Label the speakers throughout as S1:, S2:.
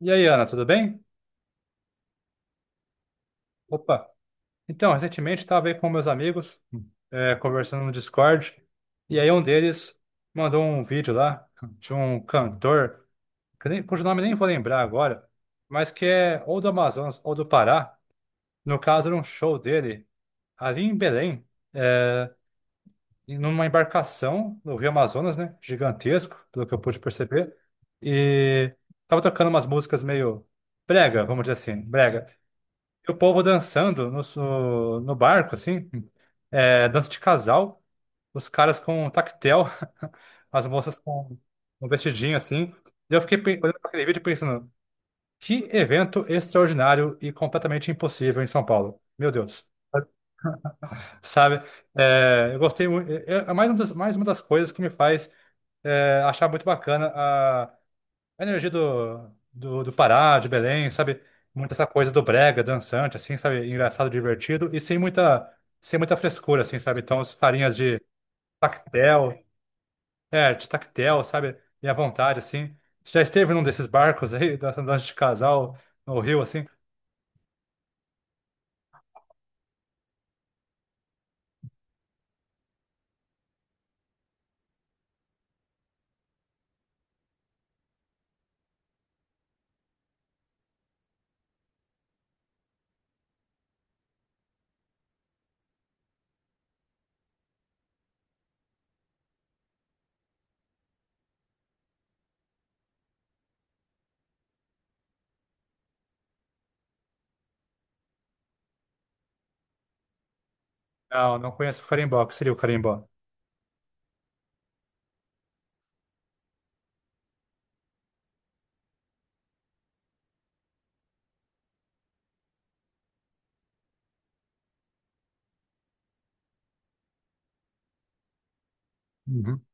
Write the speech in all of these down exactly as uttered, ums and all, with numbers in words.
S1: E aí, Ana, tudo bem? Opa! Então, recentemente estava aí com meus amigos, é, conversando no Discord, e aí um deles mandou um vídeo lá de um cantor, que nem, cujo nome nem vou lembrar agora, mas que é ou do Amazonas ou do Pará. No caso, era um show dele ali em Belém, é, em- numa embarcação no Rio Amazonas, né? Gigantesco, pelo que eu pude perceber. E tava tocando umas músicas meio brega, vamos dizer assim, brega. E o povo dançando no, so- no barco, assim, é, dança de casal, os caras com um tactel, as moças com um vestidinho, assim. E eu fiquei pe- olhando para aquele vídeo e pensando, que evento extraordinário e completamente impossível em São Paulo. Meu Deus, sabe? É, eu gostei muito, é, é mais uma das, mais uma das coisas que me faz é, achar muito bacana a energia do, do, do Pará, de Belém, sabe? Muita essa coisa do brega, dançante, assim, sabe? Engraçado, divertido e sem muita, sem muita frescura, assim, sabe? Então, os carinhas de tactel, é, de tactel, sabe? E à vontade, assim. Você já esteve num desses barcos aí, dançando dança de casal no Rio, assim? Não, não conheço o carimbó. O que seria o carimbó? Uhum.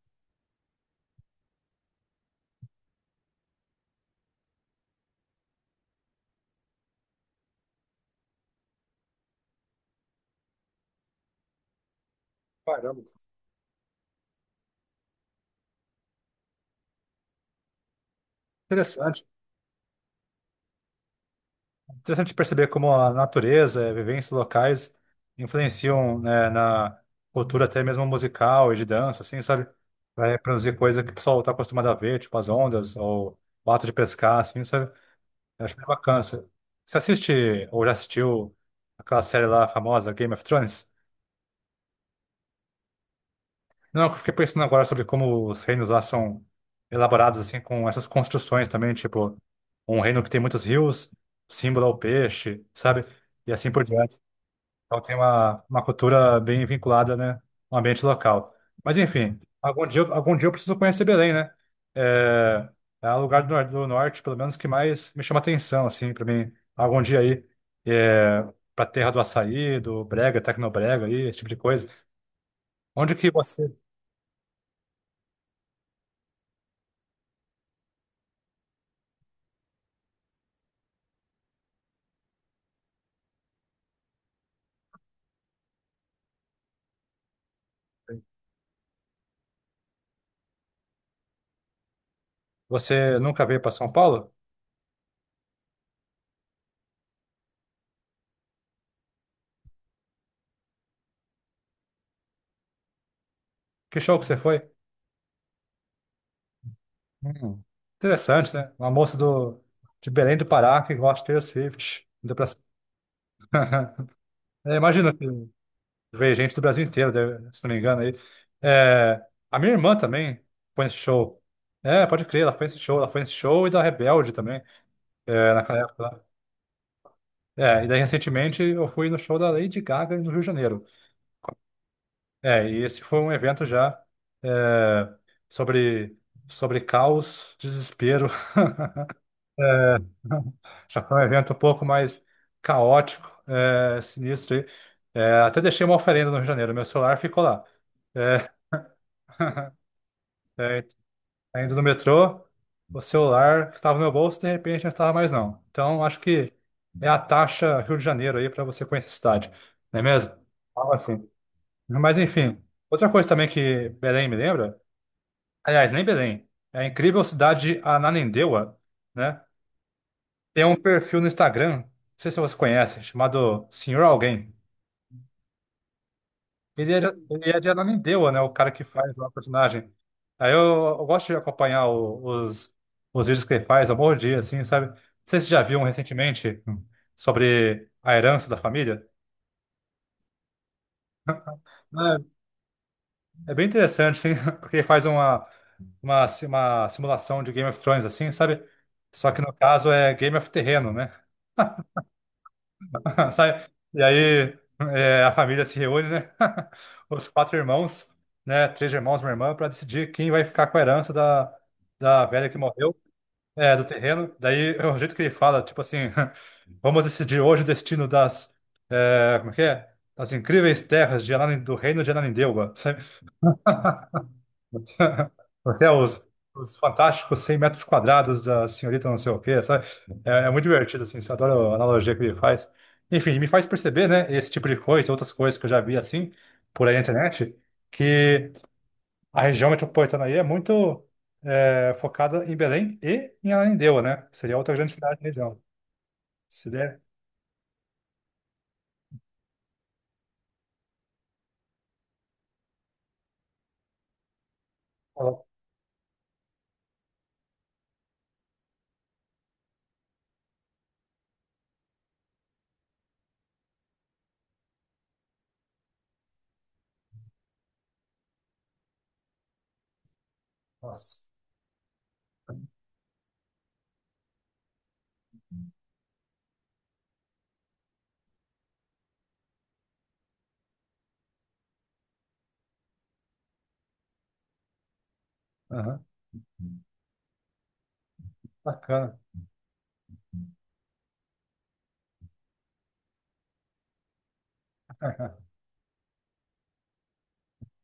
S1: Caramba. Interessante. Interessante perceber como a natureza, eh, vivências locais influenciam, né, na cultura até mesmo musical e de dança, assim, sabe? Vai produzir coisa que o pessoal está acostumado a ver, tipo as ondas ou o ato de pescar, assim, sabe? Eu acho bem bacana isso. Você assiste ou já assistiu aquela série lá famosa, Game of Thrones? Não, eu fiquei pensando agora sobre como os reinos lá são elaborados, assim, com essas construções também, tipo um reino que tem muitos rios, símbolo ao peixe, sabe? E assim por diante. Então tem uma, uma cultura bem vinculada, né, ao ambiente local. Mas enfim, algum dia, eu- algum dia eu preciso conhecer Belém, né? É, é o lugar do, nor- do norte, pelo menos, que mais me chama atenção, assim, para mim. Algum dia aí, é, para terra do açaí, do brega, tecnobrega, aí, esse tipo de coisa. Onde que você... Você nunca veio para São Paulo? Que show que você foi? Hum, Interessante, né? Uma moça do, de Belém do Pará que gosta de Taylor Swift. Ainda pra... cima. É, imagina que veio gente do Brasil inteiro, deve- se não me engano. Aí. É, a minha irmã também foi nesse show. É, pode crer, ela foi nesse show. Ela foi nesse show e da Rebelde também, é, naquela época lá. É, e daí recentemente eu fui no show da Lady Gaga no Rio de Janeiro. É, e esse foi um evento já é, sobre, sobre caos, desespero. É, já foi um evento um pouco mais caótico, é, sinistro. Aí. É, até deixei uma oferenda no Rio de Janeiro, meu celular ficou lá. É, é, ainda no metrô, o celular que estava no meu bolso, de repente não estava mais não. Então, acho que é a taxa Rio de Janeiro aí para você conhecer a cidade, não é mesmo? Algo assim. Mas, enfim, outra coisa também que Belém me lembra, aliás, nem Belém, é a incrível cidade de Ananindeua, né? Tem um perfil no Instagram, não sei se você conhece, chamado Senhor Alguém. Ele é de, ele é de Ananindeua, né? O cara que faz lá o personagem. Aí eu, eu gosto de acompanhar o- os, os vídeos que ele faz, ao bom dia, assim, sabe? Não sei se você já viu um recentemente hum, sobre a herança da família. É, é bem interessante, assim, porque ele faz uma, uma, si- uma simulação de Game of Thrones, assim, sabe? Só que no caso é Game of Terreno, né? Sai- E aí é, a família se reúne, né? Os quatro irmãos, né? Três irmãos e uma irmã, para decidir quem vai ficar com a herança da, da velha que morreu, é, do terreno. Daí é o jeito que ele fala, tipo assim, vamos decidir hoje o destino das, é, como é que é? Das incríveis terras de Ananin- do reino de Ananindeua, sabe? Até os, os fantásticos cem metros quadrados da senhorita não sei o quê, sabe? É, é muito divertido, assim, eu adora a analogia que ele faz. Enfim, me faz perceber, né, esse tipo de coisa, outras coisas que eu já vi, assim, por aí na internet, que a região metropolitana aí é muito é, focada em Belém e em Ananindeua, né? Seria outra grande cidade da região. Se der... Nossa. Aham, bacana.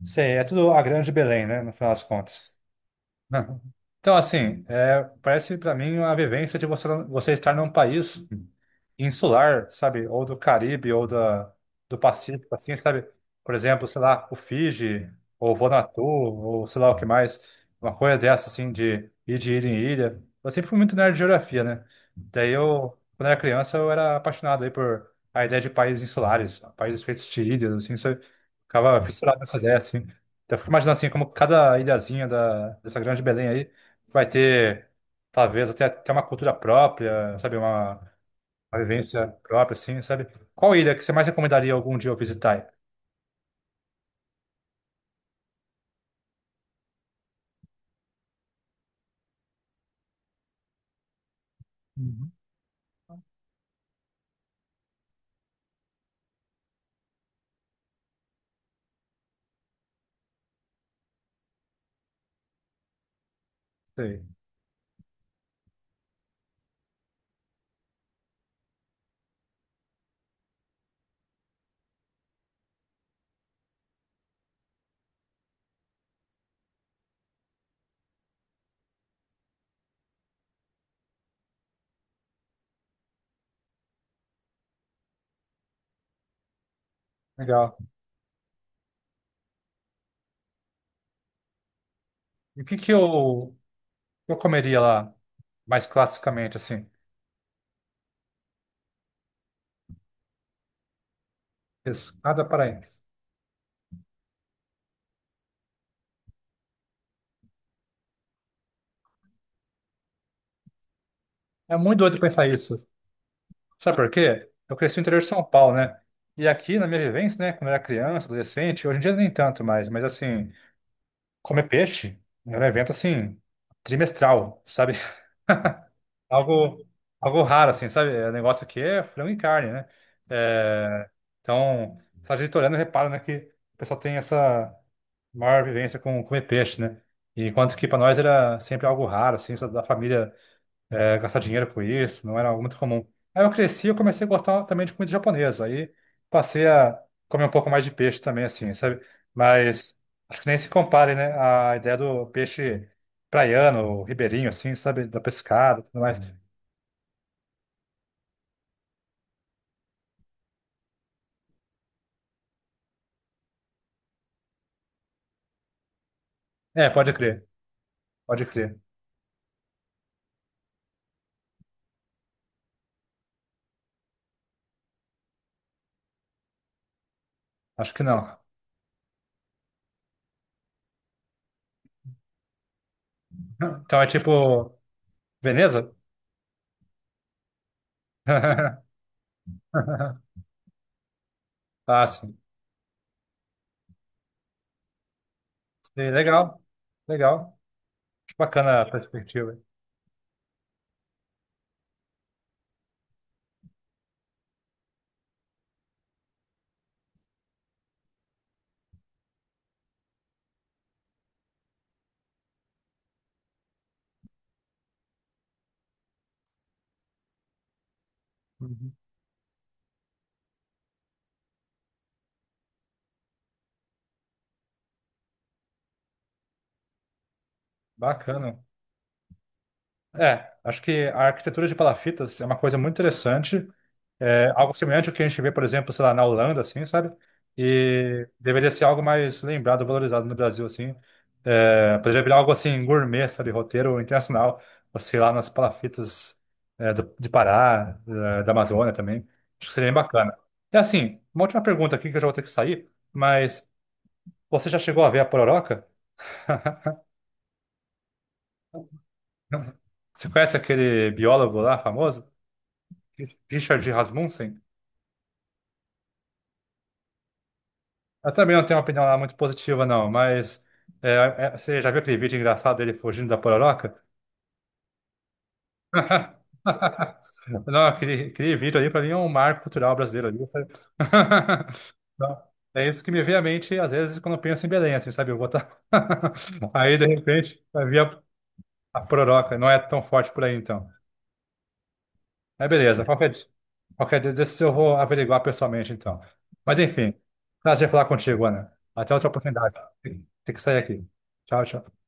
S1: Sim, é tudo a grande Belém, né, no final das contas. Aham. Então, assim, é, parece para mim uma vivência de você, você estar num país insular, sabe? Ou do Caribe, ou da, do Pacífico, assim, sabe? Por exemplo, sei lá, o Fiji, ou Vanuatu, ou sei lá o que mais. Uma coisa dessa, assim, de ir de ilha em ilha. Eu sempre fui muito nerd de geografia, né? Daí eu, quando era criança, eu era apaixonado aí por a ideia de países insulares, países feitos de ilhas, assim, sabe? Ficava fissurado nessa ideia, assim. Então, eu fico imaginando assim, como cada ilhazinha da, dessa grande Belém aí vai ter, talvez, até, até uma cultura própria, sabe? Uma, uma vivência própria, assim, sabe? Qual ilha que você mais recomendaria algum dia eu visitar? Uhum. Sei. Legal. E o que que eu, eu comeria lá, mais classicamente, assim? Pescada paraense. É muito doido pensar isso. Sabe por quê? Eu cresci no interior de São Paulo, né? E aqui, na minha vivência, né, quando eu era criança, adolescente, hoje em dia nem tanto mais, mas assim, comer peixe era um evento assim, trimestral, sabe? Algo, algo raro, assim, sabe? É, o negócio aqui é frango e carne, né? É, então, só a gente olhando repara, né, que o pessoal tem essa maior vivência com comer peixe, né? E enquanto que para nós era sempre algo raro, assim, só da família é, gastar dinheiro com isso, não era algo muito comum. Aí eu cresci eu comecei a gostar também de comida japonesa, aí passei a comer um pouco mais de peixe também, assim, sabe? Mas acho que nem se compare, né? A ideia do peixe praiano, ribeirinho, assim, sabe? Da pescada e tudo mais. É, pode crer, pode crer. Acho que não. Então é tipo, Veneza? Ah, sim. Sim, legal, legal. Acho bacana a perspectiva. Uhum. Bacana. É, acho que a arquitetura de palafitas é uma coisa muito interessante, é algo semelhante ao que a gente vê, por exemplo, sei lá, na Holanda, assim, sabe? E deveria ser algo mais lembrado, valorizado no Brasil, assim. É, poderia virar algo assim, gourmet, sabe? Roteiro internacional, ou sei lá, nas palafitas é, do, de Pará, é, da Amazônia também. Acho que seria bem bacana. E assim, uma última pergunta aqui que eu já vou ter que sair, mas você já chegou a ver a Pororoca? Você conhece aquele biólogo lá famoso? Richard Rasmussen. Eu também não tenho uma opinião lá muito positiva, não, mas é, é, você já viu aquele vídeo engraçado dele fugindo da pororoca? Não, aquele, aquele vídeo ali para mim é um marco cultural brasileiro ali, sabe? Não, é isso que me vem à mente às vezes quando eu penso em Belém, assim, sabe? Eu vou tá... Aí de repente vai vir a, a pororoca, não é tão forte por aí então. É beleza. Qualquer, di- qualquer dia desses eu vou averiguar pessoalmente, então. Mas enfim, prazer falar contigo, Ana. Até outra oportunidade. Tem que sair aqui. Tchau, tchau.